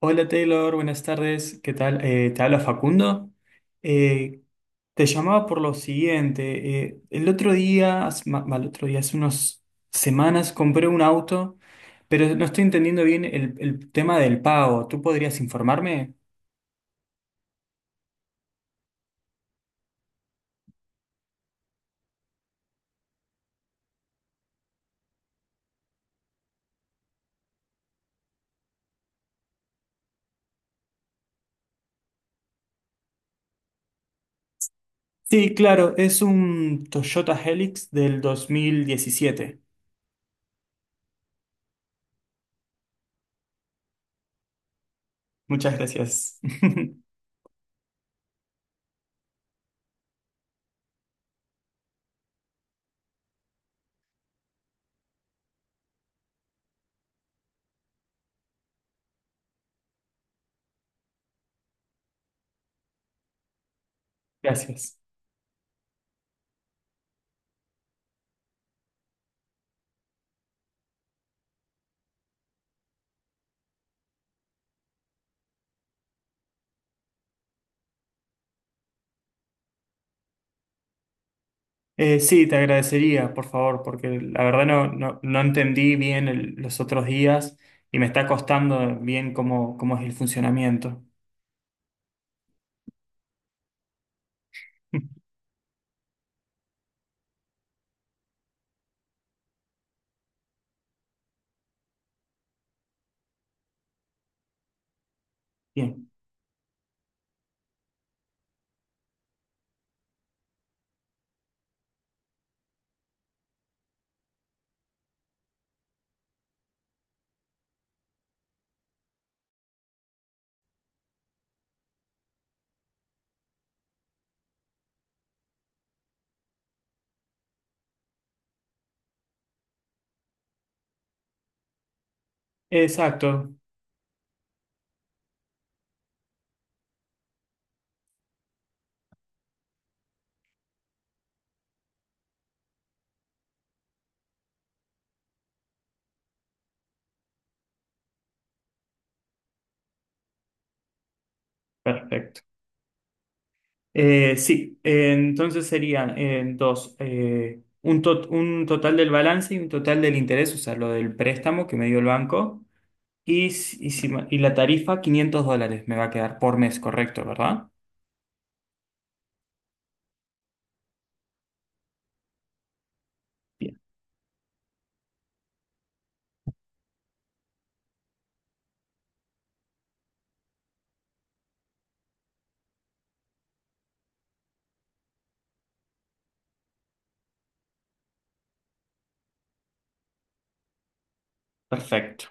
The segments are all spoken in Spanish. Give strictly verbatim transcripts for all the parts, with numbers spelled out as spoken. Hola Taylor, buenas tardes. ¿Qué tal? Eh, te habla Facundo. Eh, Te llamaba por lo siguiente. Eh, el otro día, hace, ma- mal, otro día, hace unas semanas compré un auto, pero no estoy entendiendo bien el, el tema del pago. ¿Tú podrías informarme? Sí, claro, es un Toyota Helix del dos mil diecisiete. Muchas gracias. Gracias. Eh, sí, te agradecería, por favor, porque la verdad no, no, no entendí bien el- los otros días y me está costando bien cómo, cómo es el funcionamiento. Bien, exacto, perfecto. Eh, sí, eh, entonces serían eh, dos, eh, un, tot- un total del balance y un total del interés, o sea, lo del préstamo que me dio el banco y, si- y, si- ma- y la tarifa quinientos dólares me va a quedar por mes, correcto, ¿verdad? Bien, perfecto.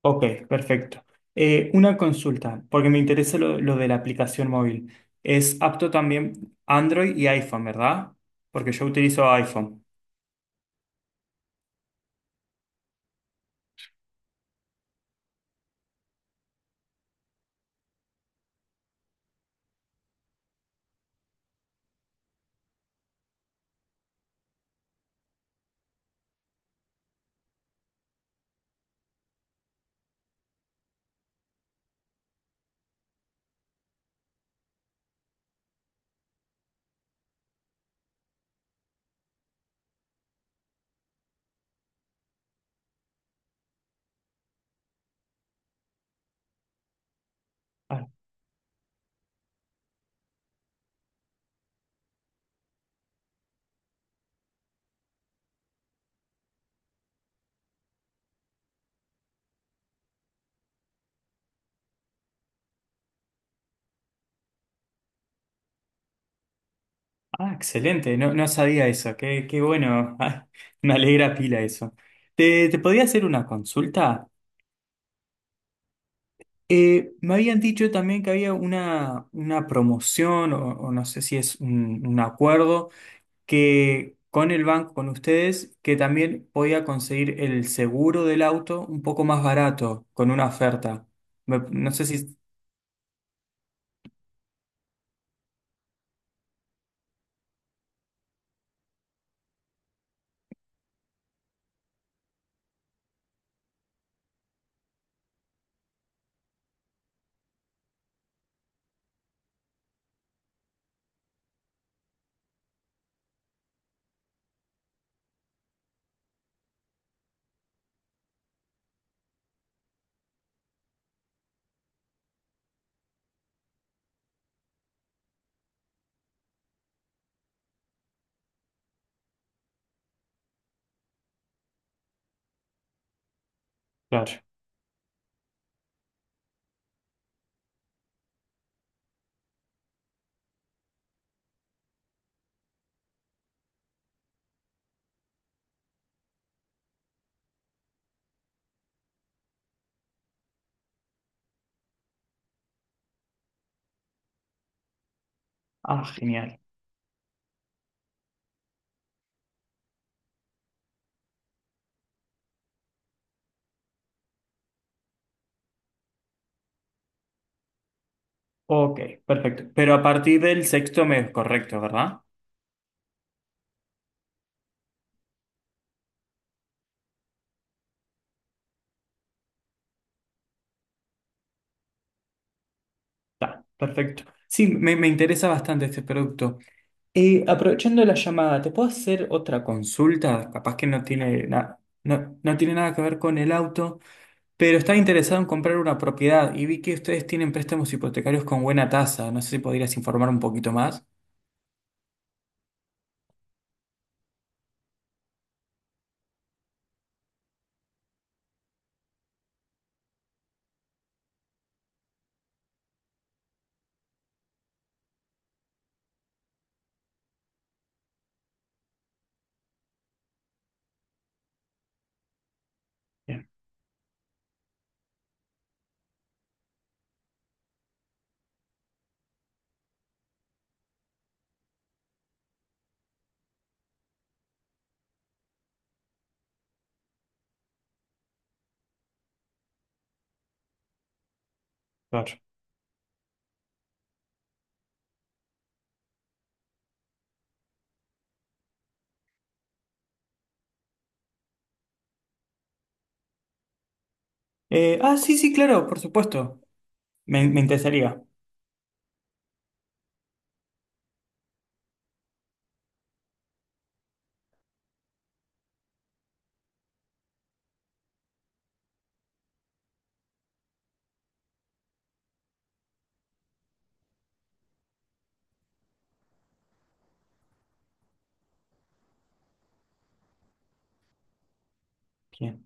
Ok, perfecto. Eh, una consulta, porque me interesa lo, lo de la aplicación móvil. Es apto también Android y iPhone, ¿verdad? Porque yo utilizo iPhone. Ah, ah, excelente, no, no sabía eso, qué, qué bueno. Ah, me alegra pila eso. ¿Te, te podía hacer una consulta? Eh, me habían dicho también que había una, una promoción o, o no sé si es un, un acuerdo que con el banco, con ustedes, que también podía conseguir el seguro del auto un poco más barato con una oferta. Me- no sé si... Claro. Ah, genial. Ok, perfecto. Pero a partir del sexto mes, correcto, ¿verdad? Está, perfecto. Sí, me, me interesa bastante este producto. Eh, aprovechando la llamada, ¿te puedo hacer otra consulta? Capaz que no tiene, na- no, no tiene nada que ver con el auto. Pero estaba interesado en comprar una propiedad y vi que ustedes tienen préstamos hipotecarios con buena tasa. No sé si podrías informar un poquito más. Bien, claro. Eh, ah, sí, sí, claro, por supuesto. Me, me interesaría. Bien,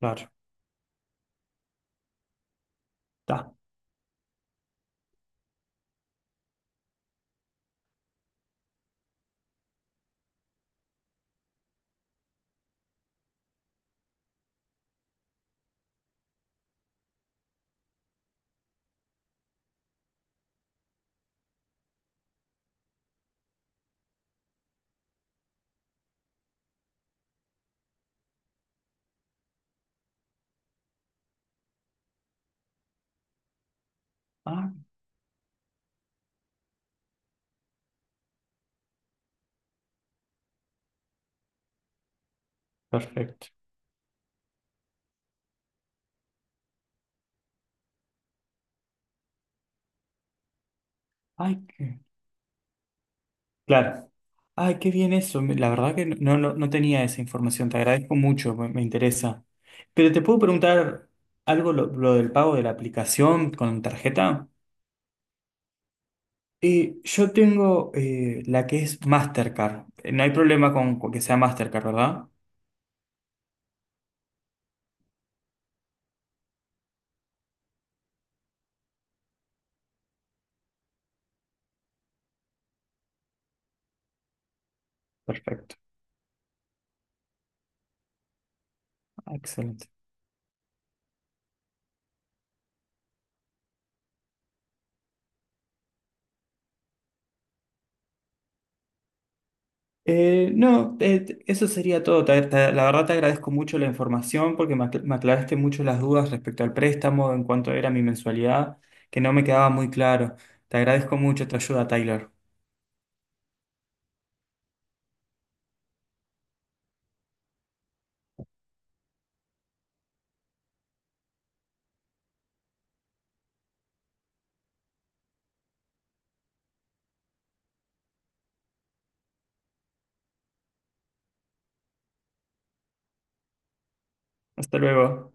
claro. Está. Ah, perfecto. Ay, qué. Claro. Ay, qué bien eso. Me- La verdad que no, no, no no tenía esa información. Te agradezco mucho, me, me interesa. Pero te puedo preguntar algo lo, lo del pago de la aplicación con tarjeta. Y yo tengo eh, la que es Mastercard. Eh, No hay problema con, con que sea Mastercard, ¿verdad? Perfecto. Excelente. Eh, no, eh, t- eso sería todo. Te- te- la verdad te agradezco mucho la información porque me, acla- me aclaraste mucho las dudas respecto al préstamo en cuanto era mi mensualidad, que no me quedaba muy claro. Te agradezco mucho tu ayuda, Tyler. Hasta luego.